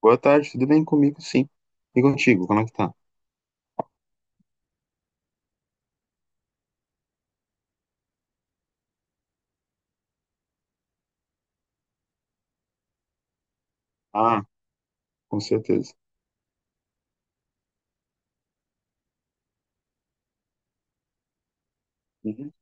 Boa tarde, tudo bem comigo? Sim. E contigo, como é que tá? Ah, com certeza. Uhum.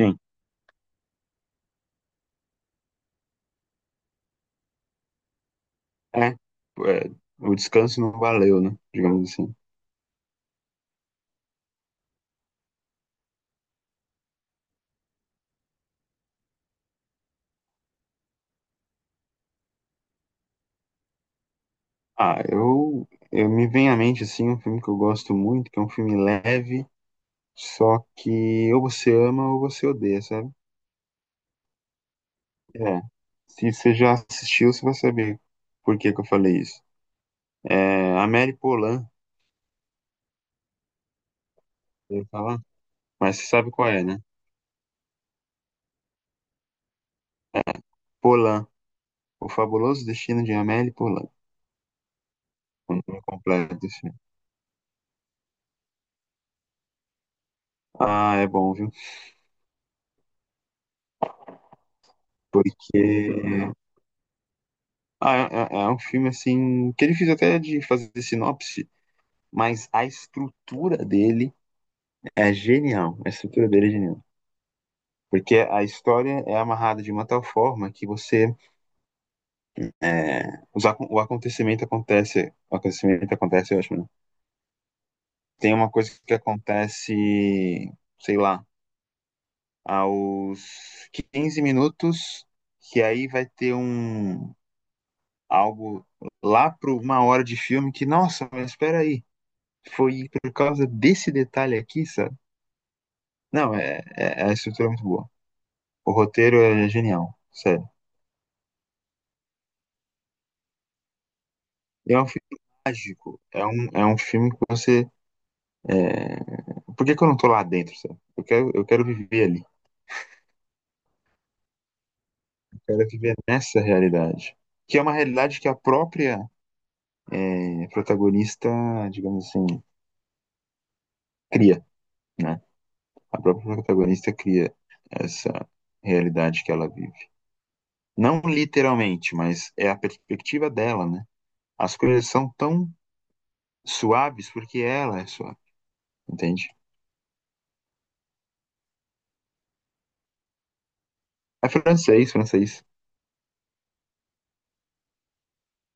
Sim. É, o descanso não valeu, né? Digamos assim. Ah, eu me vem à mente, assim, um filme que eu gosto muito, que é um filme leve, só que ou você ama ou você odeia, sabe? É. Se você já assistiu, você vai saber por que que eu falei isso. É, Amélie Poulain, eu ia falar, mas você sabe qual é, né? Polan, O Fabuloso Destino de Amélie Poulain. Um nome completo, assim. Ah, é bom, viu? Porque ah, é, é um filme assim que é difícil até de fazer sinopse, mas a estrutura dele é genial. A estrutura dele é genial. Porque a história é amarrada de uma tal forma que você é, o acontecimento acontece, eu acho, né? Tem uma coisa que acontece, sei lá, aos 15 minutos, que aí vai ter um algo lá para 1 hora de filme que, nossa, mas espera aí, foi por causa desse detalhe aqui, sabe? Não, a estrutura é muito boa. O roteiro é genial, sério. E é um filme mágico. É um filme que você. É... Por que, que eu não tô lá dentro, sabe? Eu quero viver ali. Eu quero viver nessa realidade. Que é uma realidade que a própria protagonista, digamos assim, cria, né? A própria protagonista cria essa realidade que ela vive. Não literalmente, mas é a perspectiva dela, né? As coisas são tão suaves porque ela é suave, entende? É francês, francês.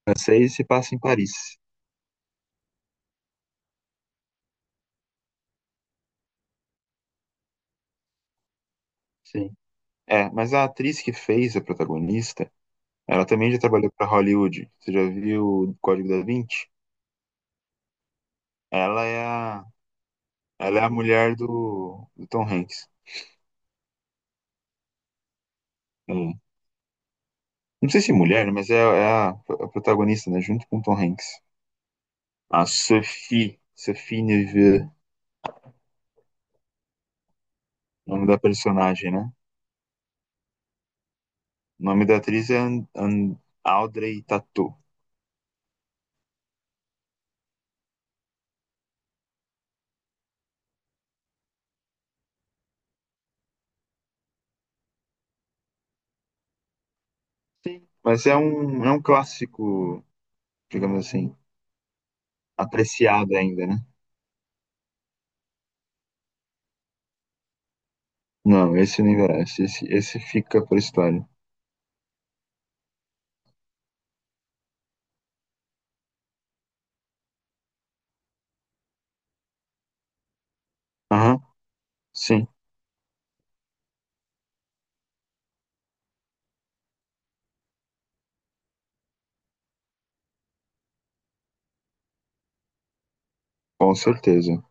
Francês se passa em Paris. Sim. É, mas a atriz que fez a protagonista, ela também já trabalhou para Hollywood. Você já viu o Código da Vinci? Ela é a, ela é a mulher do Tom Hanks. É. Não sei se é mulher, né, mas é a protagonista, né? Junto com o Tom Hanks. A Sophie Neveu, o nome da personagem, né? O nome da atriz é Audrey Tautou. Sim. Mas é um clássico, digamos assim, apreciado ainda, né? Não, esse não envelhece. Esse fica pra história. Aham, sim, com certeza.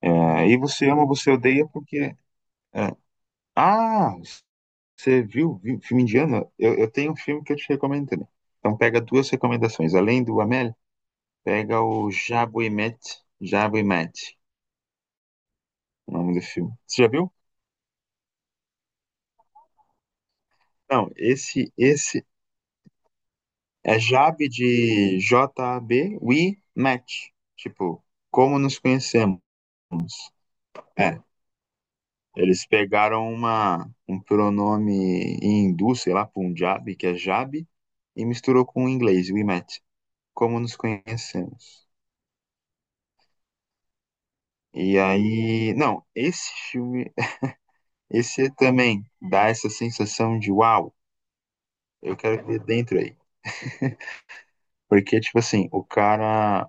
É, e você ama, você odeia porque. é. Ah, você viu filme indiano? Eu tenho um filme que eu te recomendo também. Então pega duas recomendações. Além do Amélie, pega o Jabu e Mete. Jabu e Mete, o nome do filme. Você já viu? Não, esse É Jab de JAB, we met. Tipo, como nos conhecemos. É, eles pegaram um pronome em hindu, sei lá, Punjabi, que é Jab, e misturou com o inglês, we met. Como nos conhecemos. E aí, não, esse filme, esse também dá essa sensação de uau, eu quero ver dentro aí. Porque, tipo assim, o cara,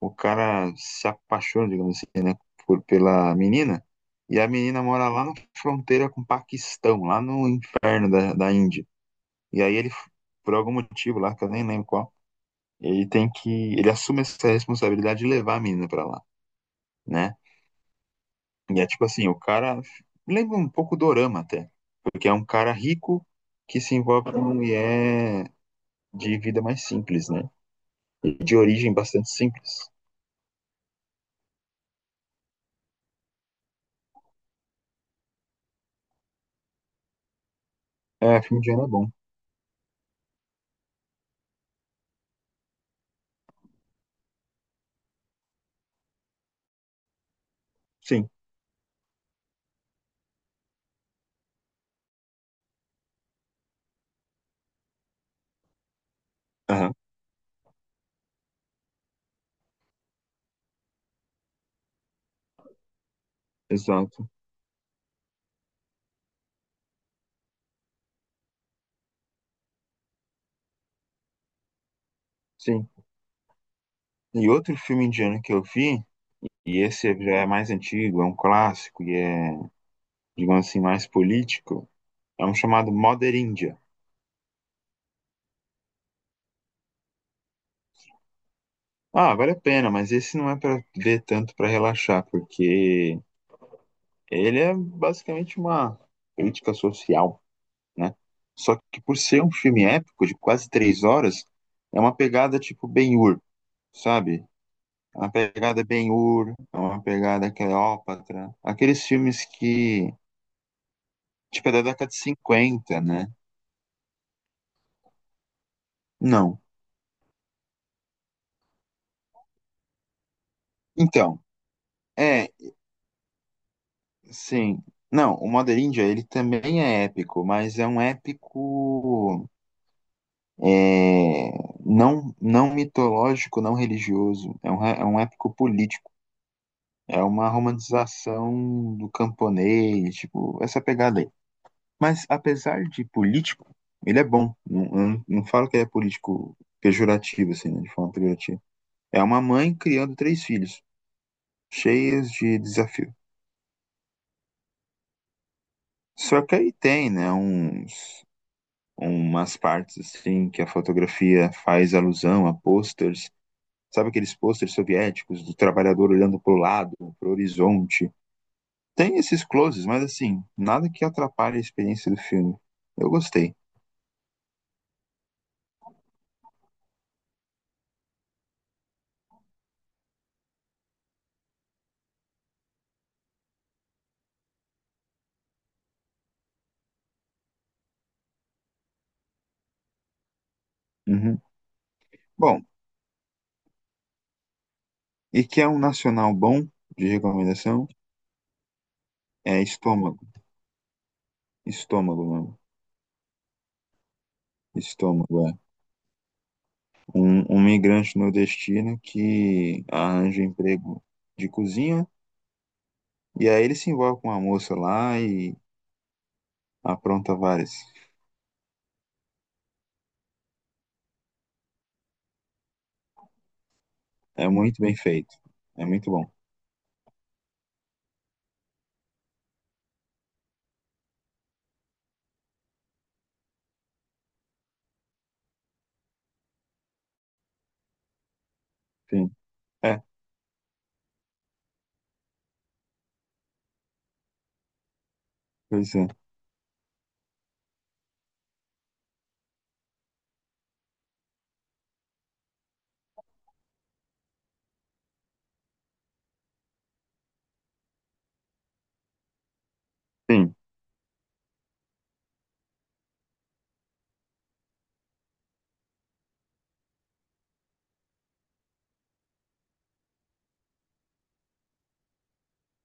o cara se apaixona, digamos assim, né, por, pela menina, e a menina mora lá na fronteira com o Paquistão, lá no inferno da Índia. E aí ele, por algum motivo lá, que eu nem lembro qual, ele tem que, ele assume essa responsabilidade de levar a menina pra lá, né? E é tipo assim, o cara lembra um pouco do Dorama até, porque é um cara rico que se envolve com uma mulher de vida mais simples, né? De origem bastante simples. É, filme de ano é bom. Sim, aham, exato. Sim. E outro filme indiano que eu vi, e esse já é mais antigo, é um clássico e é, digamos assim, mais político, é um chamado Mother India. Ah, vale a pena, mas esse não é para ver tanto para relaxar, porque ele é basicamente uma crítica social, né? Só que por ser um filme épico de quase 3 horas, é uma pegada tipo Ben-Hur, sabe? É uma pegada Ben-Hur, é uma pegada Cleópatra, aqueles filmes que, tipo, é da década de 50, né? Não. Então, é, sim. Não, o Mother India, ele também é épico, mas é um épico é, não, não mitológico, não religioso. É um épico político. É uma romantização do camponês, tipo, essa pegada aí. Mas apesar de político, ele é bom. Não, eu não, não falo que ele é político pejorativo, assim, né, de forma pejorativa. É uma mãe criando três filhos, cheias de desafio. Só que aí tem, né, uns umas partes assim que a fotografia faz alusão a posters, sabe aqueles posters soviéticos do trabalhador olhando para o lado, para o horizonte, tem esses closes, mas assim, nada que atrapalhe a experiência do filme. Eu gostei. Uhum. Bom, e que é um nacional bom de recomendação? É Estômago. Estômago, mano. Estômago, é. Um migrante nordestino que arranja um emprego de cozinha e aí ele se envolve com uma moça lá e apronta várias. É muito bem feito. É muito bom. Sim. É, pois é. Sim.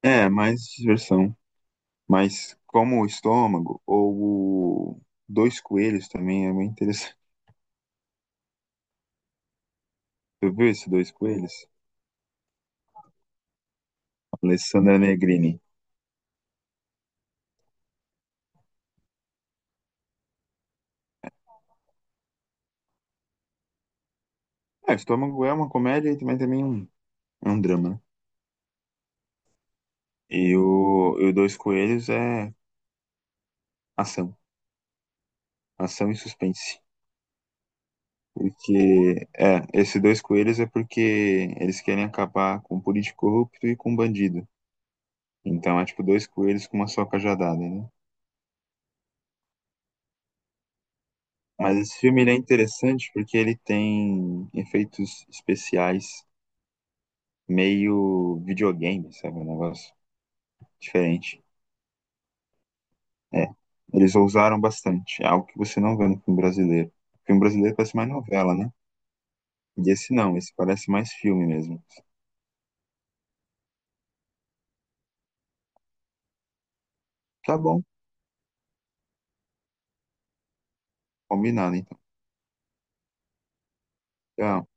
É, mais diversão. Mas como o estômago ou o Dois Coelhos também é muito interessante. Tu viu esse Dois Coelhos? Alessandra Negrini. É, o estômago é uma comédia e também um, é um drama. Né? E o Dois Coelhos é ação. Ação e suspense. Porque, é, esses dois coelhos é porque eles querem acabar com um político corrupto e com um bandido. Então é tipo dois coelhos com uma só cajadada, né? Mas esse filme ele é interessante porque ele tem efeitos especiais meio videogame, sabe? Um negócio diferente. É, eles ousaram bastante. É algo que você não vê no filme brasileiro. O filme brasileiro parece mais novela, né? E esse não, esse parece mais filme mesmo. Tá bom, combinado então. Tchau.